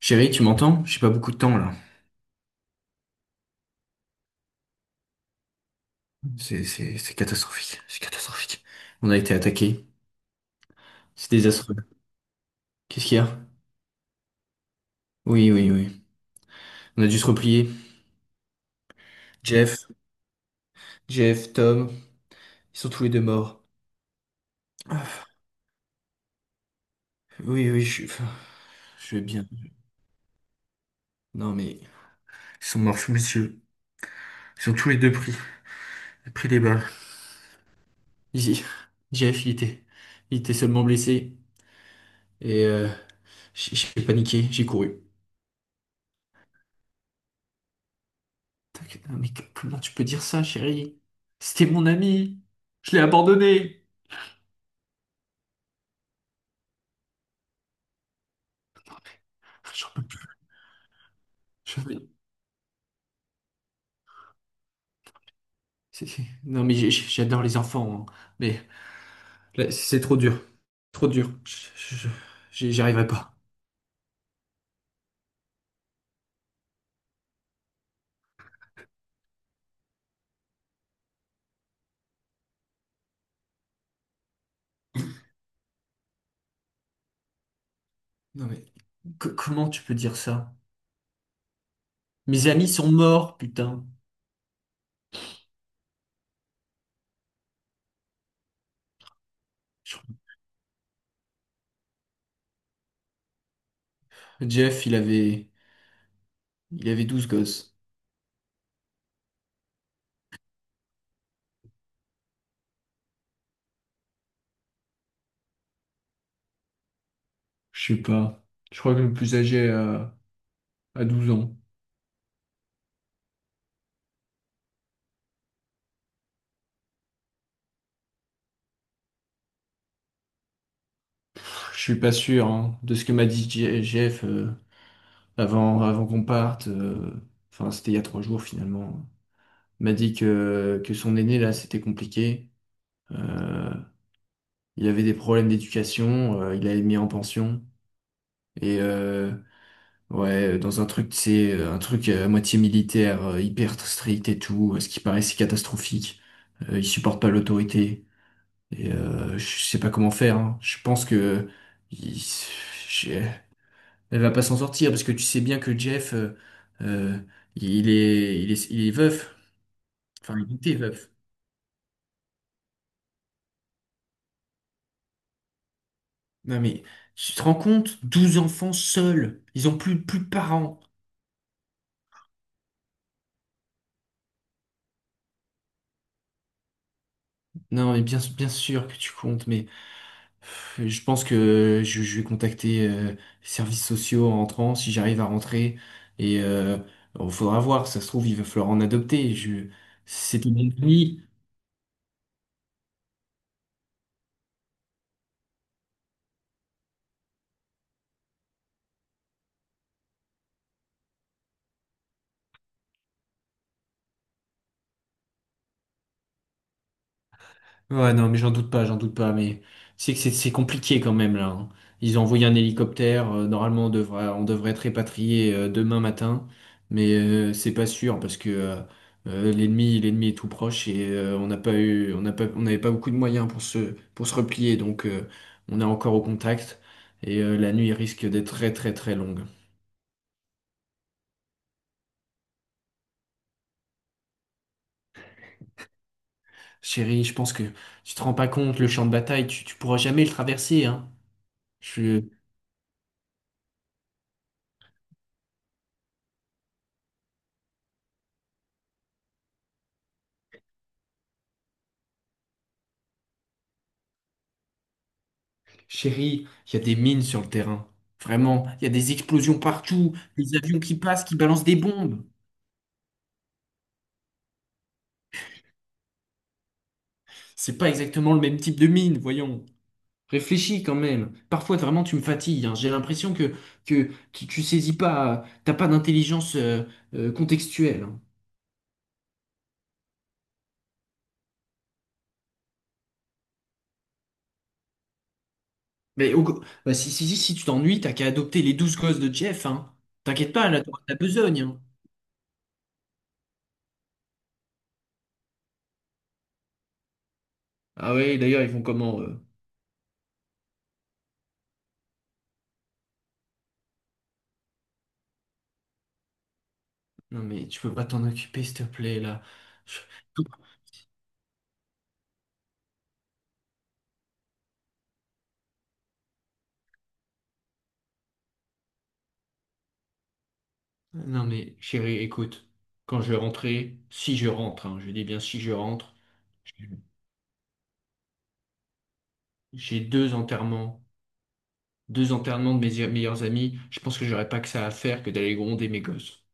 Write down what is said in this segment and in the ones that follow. Chérie, tu m'entends? J'ai pas beaucoup de temps là. C'est catastrophique. C'est catastrophique. On a été attaqué. C'est désastreux. Qu'est-ce qu'il y a? Oui, oui, oui. On a dû se replier. Jeff, Jeff, Tom, ils sont tous les deux morts. Ah, oui, oui, je vais bien. Non, mais ils sont morts sous mes yeux. Ils sont tous les deux pris, pris des balles. Ici, Jeff, il était seulement blessé. Et euh, j'ai paniqué, j'ai couru. T'inquiète, non, mais comment tu peux dire ça, chérie? C'était mon ami. Je l'ai abandonné. Ah, j'en peux plus. J'en peux- c'est- Non, mais j'adore les enfants, hein. Mais là, c'est trop dur. Trop dur. J'y arriverai pas. Non, mais comment tu peux dire ça? Mes amis sont morts, putain. Je- Jeff, il avait 12 gosses. Je sais pas. Je crois que le plus âgé a, a 12 ans. Je suis pas sûr, hein, de ce que m'a dit Jeff, avant qu'on parte. Enfin, c'était il y a trois jours finalement. Il m'a dit que son aîné, là, c'était compliqué. Euh, il avait des problèmes d'éducation, il avait mis en pension. Et euh, ouais, dans un truc, c'est un truc à moitié militaire, hyper strict et tout, ce qui paraît si catastrophique. Il supporte pas l'autorité. Je sais pas comment faire, hein. Je pense que il- je- elle va pas s'en sortir parce que tu sais bien que Jeff, euh, il est veuf. Enfin, il était veuf. Non mais tu te rends compte? Douze enfants seuls. Ils ont plus, plus de parents. Non, mais bien, bien sûr que tu comptes, mais pff, je pense que je vais contacter les services sociaux en rentrant, si j'arrive à rentrer. Et euh, il faudra voir, si ça se trouve, il va falloir en adopter. Je, c'est une Ouais, non, mais j'en doute pas, mais c'est que c'est compliqué quand même là, hein. Ils ont envoyé un hélicoptère, normalement on devrait être répatrié demain matin, mais c'est pas sûr parce que l'ennemi est tout proche et on n'a pas eu, on n'a pas, on n'avait pas beaucoup de moyens pour pour se replier, donc on est encore au contact et la nuit risque d'être très très très longue. Chérie, je pense que tu te rends pas compte, le champ de bataille, tu pourras jamais le traverser, hein. Chérie, il y a des mines sur le terrain. Vraiment, il y a des explosions partout, des avions qui passent, qui balancent des bombes. C'est pas exactement le même type de mine, voyons. Réfléchis quand même. Parfois, vraiment, tu me fatigues, hein. J'ai l'impression que, tu saisis pas, t'as pas d'intelligence contextuelle, hein. Mais bah, si, si, si, si tu t'ennuies, t'as qu'à adopter les douze gosses de Jeff, hein. T'inquiète pas, là, t'auras ta besogne, hein. Ah ouais, d'ailleurs, ils font comment, eux. Non mais tu peux pas t'en occuper, s'il te plaît, là. Ouais. Non mais chérie, écoute, quand je rentrais, si je rentre, hein, je dis bien si je rentre, j'ai deux enterrements de mes meilleurs amis, je pense que j'aurais pas que ça à faire que d'aller gronder mes gosses.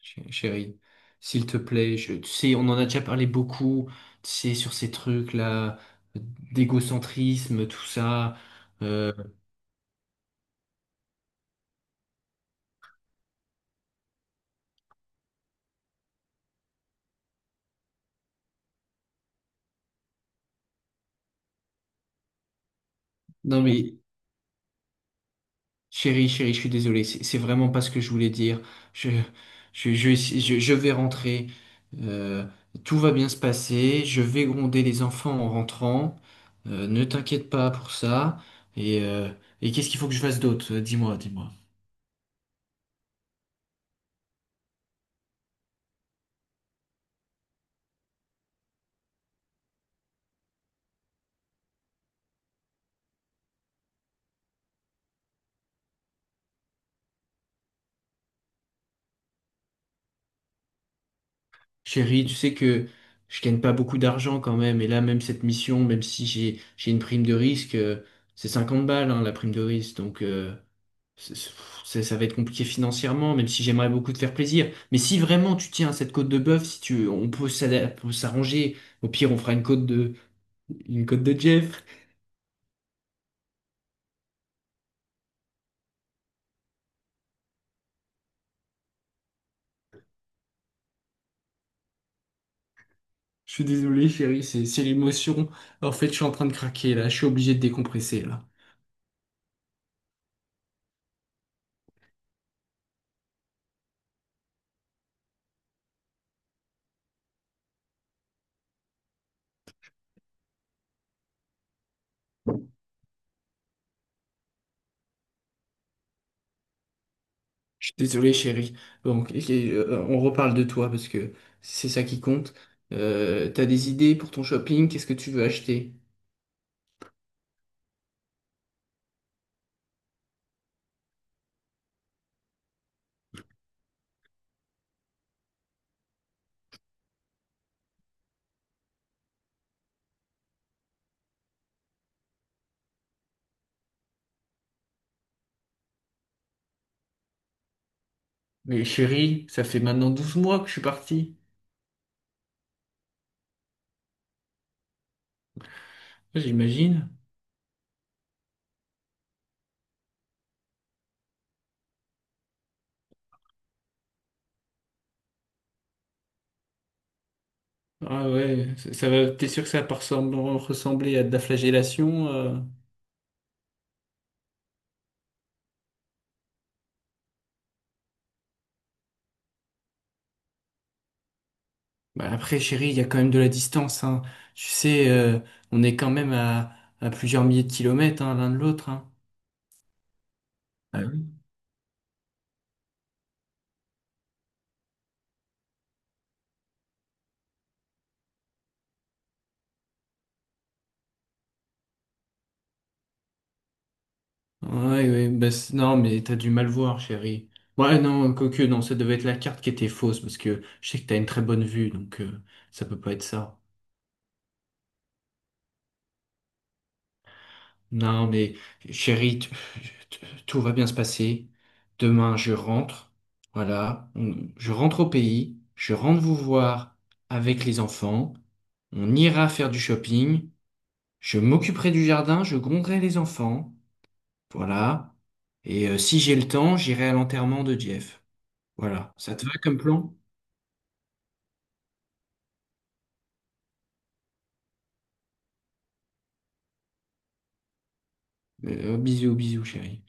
Chérie, s'il te plaît, tu sais, on en a déjà parlé beaucoup, tu sais, sur ces trucs-là, euh, d'égocentrisme, tout ça. Euh, non mais chérie, chérie, je suis désolé, c'est vraiment pas ce que je voulais dire. Je, je vais rentrer. Euh, Tout va bien se passer. Je vais gronder les enfants en rentrant. Ne t'inquiète pas pour ça. Et, euh, et qu'est-ce qu'il faut que je fasse d'autre? Dis-moi, dis-moi. Chérie, tu sais que je gagne pas beaucoup d'argent quand même. Et là, même cette mission, même si j'ai une prime de risque, c'est 50 balles, hein, la prime de risque. Donc, c'est- ça va être compliqué financièrement, même si j'aimerais beaucoup te faire plaisir. Mais si vraiment tu tiens à cette côte de bœuf, si tu, on peut s'arranger. Au pire, on fera une côte de Jeff. Je suis désolé, chérie, c'est l'émotion. En fait, je suis en train de craquer là. Je suis obligé de décompresser là. Je suis désolé, chérie. Donc, on reparle de toi parce que c'est ça qui compte. T'as des idées pour ton shopping? Qu'est-ce que tu veux acheter? Mais chérie, ça fait maintenant 12 mois que je suis parti. J'imagine. Ah ouais, ça va, t'es sûr que ça va pas ressembler à de la flagellation? Euh Bah après, chérie, il y a quand même de la distance, hein. Tu sais, on est quand même à plusieurs milliers de kilomètres, hein, l'un de l'autre, hein. Ah oui. Ouais, ouais, bah, non, mais t'as dû mal voir, chérie. Ouais, non, quoique, non, ça devait être la carte qui était fausse, parce que je sais que t'as une très bonne vue, donc ça peut pas être ça. Non, mais chérie, tout va bien se passer. Demain, je rentre. Voilà, je rentre au pays. Je rentre vous voir avec les enfants. On ira faire du shopping. Je m'occuperai du jardin. Je gronderai les enfants. Voilà. Si j'ai le temps, j'irai à l'enterrement de Jeff. Voilà. Ça te va comme plan? Bisous, bisous, chérie.